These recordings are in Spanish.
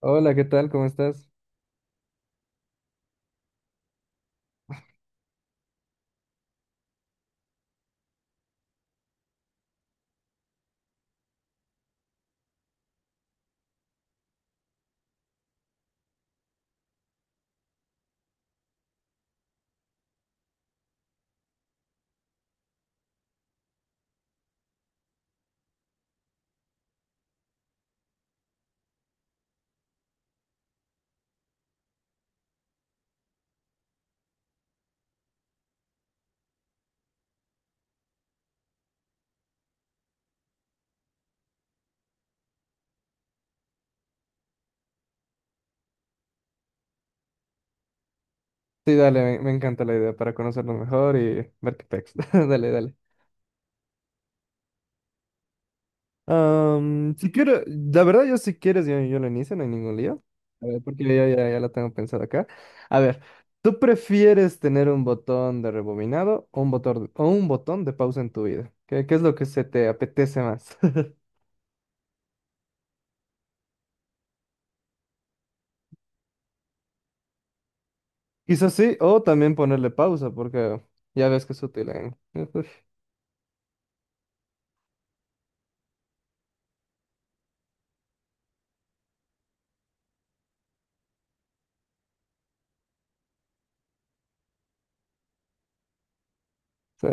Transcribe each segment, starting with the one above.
Hola, ¿qué tal? ¿Cómo estás? Sí, dale, me encanta la idea para conocernos mejor y ver qué pex. Dale, dale. Si quiero, la verdad, yo si quieres, yo lo inicio, no hay ningún lío. A ver, porque yo ya la tengo pensada acá. A ver, ¿tú prefieres tener un botón de rebobinado o un botón de pausa en tu vida? ¿Qué es lo que se te apetece más? Quizás sí, o también ponerle pausa, porque ya ves que es útil en... Uf, sí.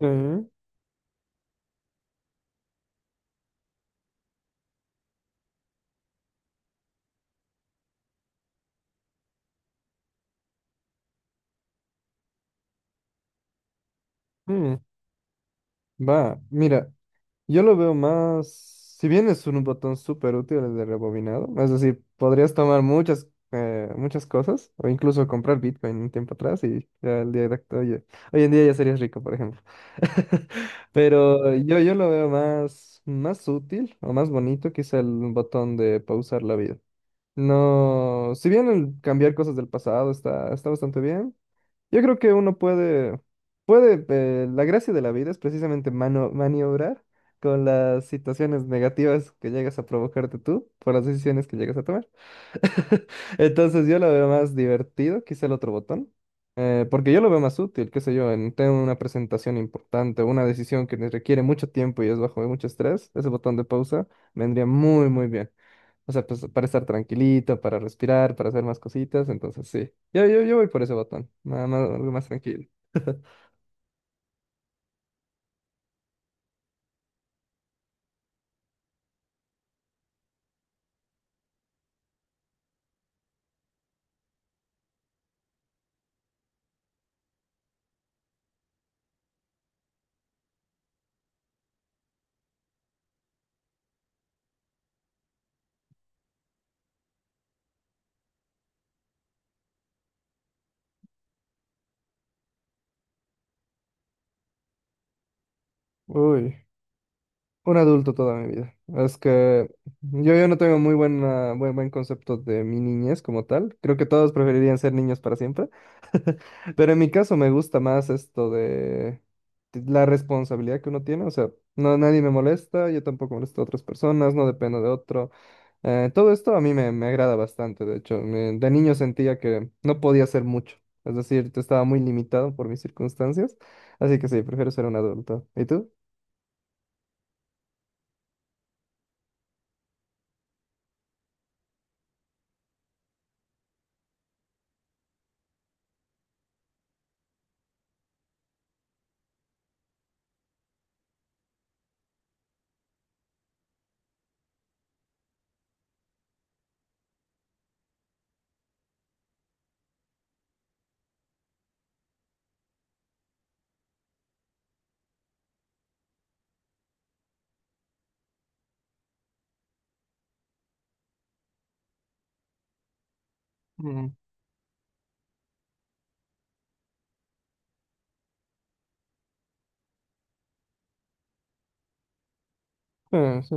Ujú. Mm, Va, mira. Yo lo veo más, si bien es un botón súper útil el de rebobinado, es decir, podrías tomar muchas, muchas cosas o incluso comprar Bitcoin un tiempo atrás y ya el día de hoy, hoy en día ya serías rico, por ejemplo. Pero yo lo veo más, más útil o más bonito quizá el botón de pausar la vida. No, si bien el cambiar cosas del pasado está bastante bien, yo creo que uno puede, puede, la gracia de la vida es precisamente maniobrar con las situaciones negativas que llegas a provocarte tú por las decisiones que llegas a tomar. Entonces yo lo veo más divertido, quizá el otro botón, porque yo lo veo más útil, qué sé yo, en tengo una presentación importante, una decisión que me requiere mucho tiempo y es bajo mucho estrés, ese botón de pausa vendría muy bien. O sea, pues para estar tranquilito, para respirar, para hacer más cositas. Entonces, sí. Yo voy por ese botón. Nada más, algo más tranquilo. Uy, un adulto toda mi vida. Es que yo no tengo muy buen concepto de mi niñez como tal. Creo que todos preferirían ser niños para siempre. Pero en mi caso me gusta más esto de la responsabilidad que uno tiene. O sea, no, nadie me molesta, yo tampoco molesto a otras personas, no dependo de otro. Todo esto a mí me agrada bastante, de hecho, de niño sentía que no podía hacer mucho, es decir, te estaba muy limitado por mis circunstancias, así que sí, prefiero ser un adulto. ¿Y tú? Mm. Sí,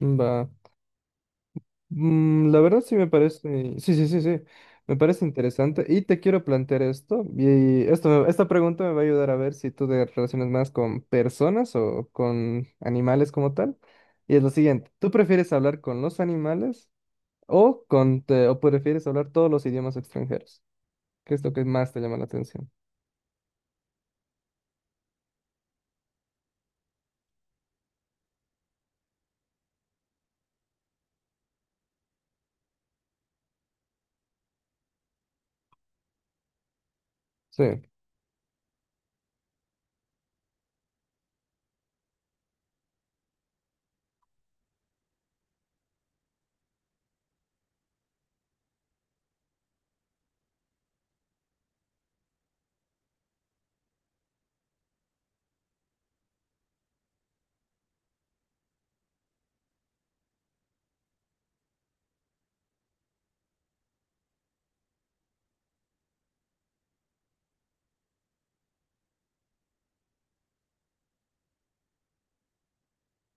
va. La verdad sí me parece, sí, sí, sí, sí, me parece interesante y te quiero plantear esto y esto, esta pregunta me va a ayudar a ver si tú te relacionas más con personas o con animales como tal. Y es lo siguiente, ¿tú prefieres hablar con los animales o, o prefieres hablar todos los idiomas extranjeros, qué es lo que más te llama la atención? Sí,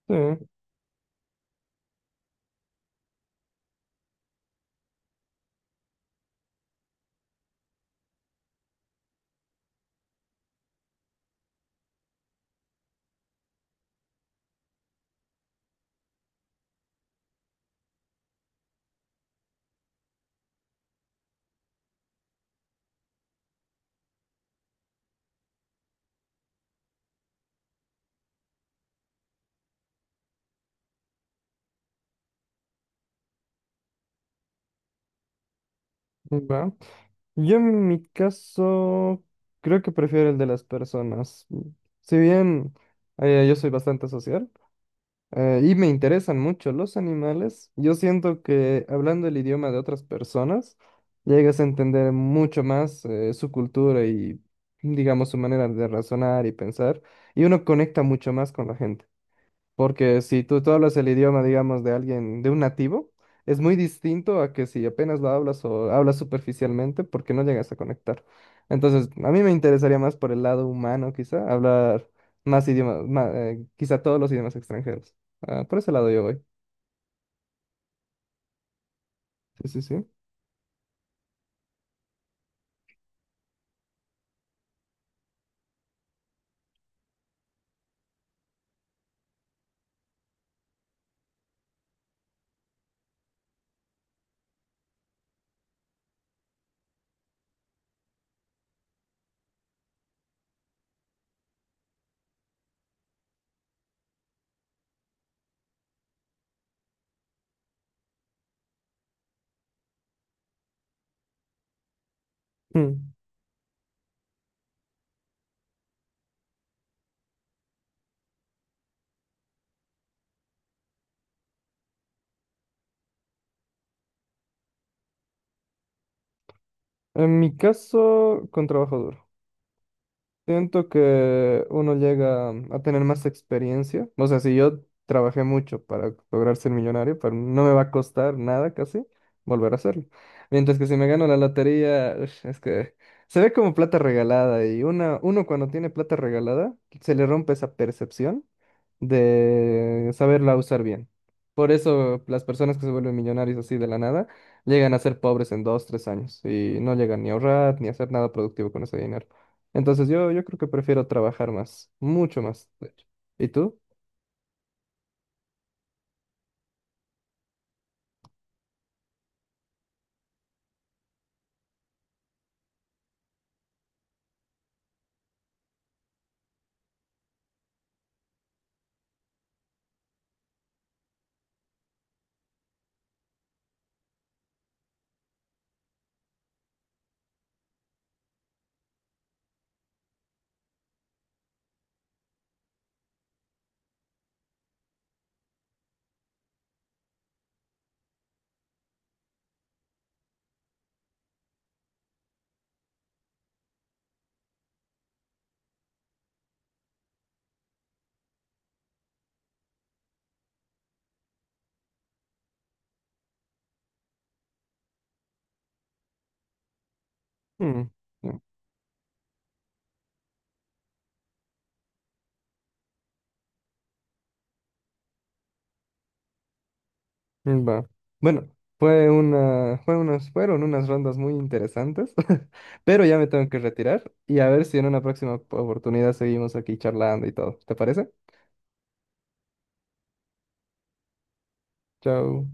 sí, va. Yo en mi caso creo que prefiero el de las personas. Si bien yo soy bastante social, y me interesan mucho los animales, yo siento que hablando el idioma de otras personas llegas a entender mucho más su cultura y, digamos, su manera de razonar y pensar, y uno conecta mucho más con la gente. Porque si tú hablas el idioma, digamos, de alguien, de un nativo, es muy distinto a que si apenas lo hablas o hablas superficialmente porque no llegas a conectar. Entonces, a mí me interesaría más por el lado humano, quizá, hablar más idiomas, quizá todos los idiomas extranjeros. Ah, por ese lado yo voy. Sí, sí, sí. Mm. En mi caso, con trabajo duro. Siento que uno llega a tener más experiencia. O sea, si yo trabajé mucho para lograr ser millonario, pero no me va a costar nada casi volver a hacerlo. Mientras que si me gano la lotería, ush, es que se ve como plata regalada y una, uno cuando tiene plata regalada se le rompe esa percepción de saberla usar bien. Por eso las personas que se vuelven millonarios así de la nada llegan a ser pobres en dos, tres años y no llegan ni a ahorrar ni a hacer nada productivo con ese dinero. Entonces yo creo que prefiero trabajar más, mucho más, de hecho. ¿Y tú? Mm, mm, Va. Bueno, fue una, fue unas, fueron unas rondas muy interesantes, pero ya me tengo que retirar y a ver si en una próxima oportunidad seguimos aquí charlando y todo. ¿Te parece? Chao.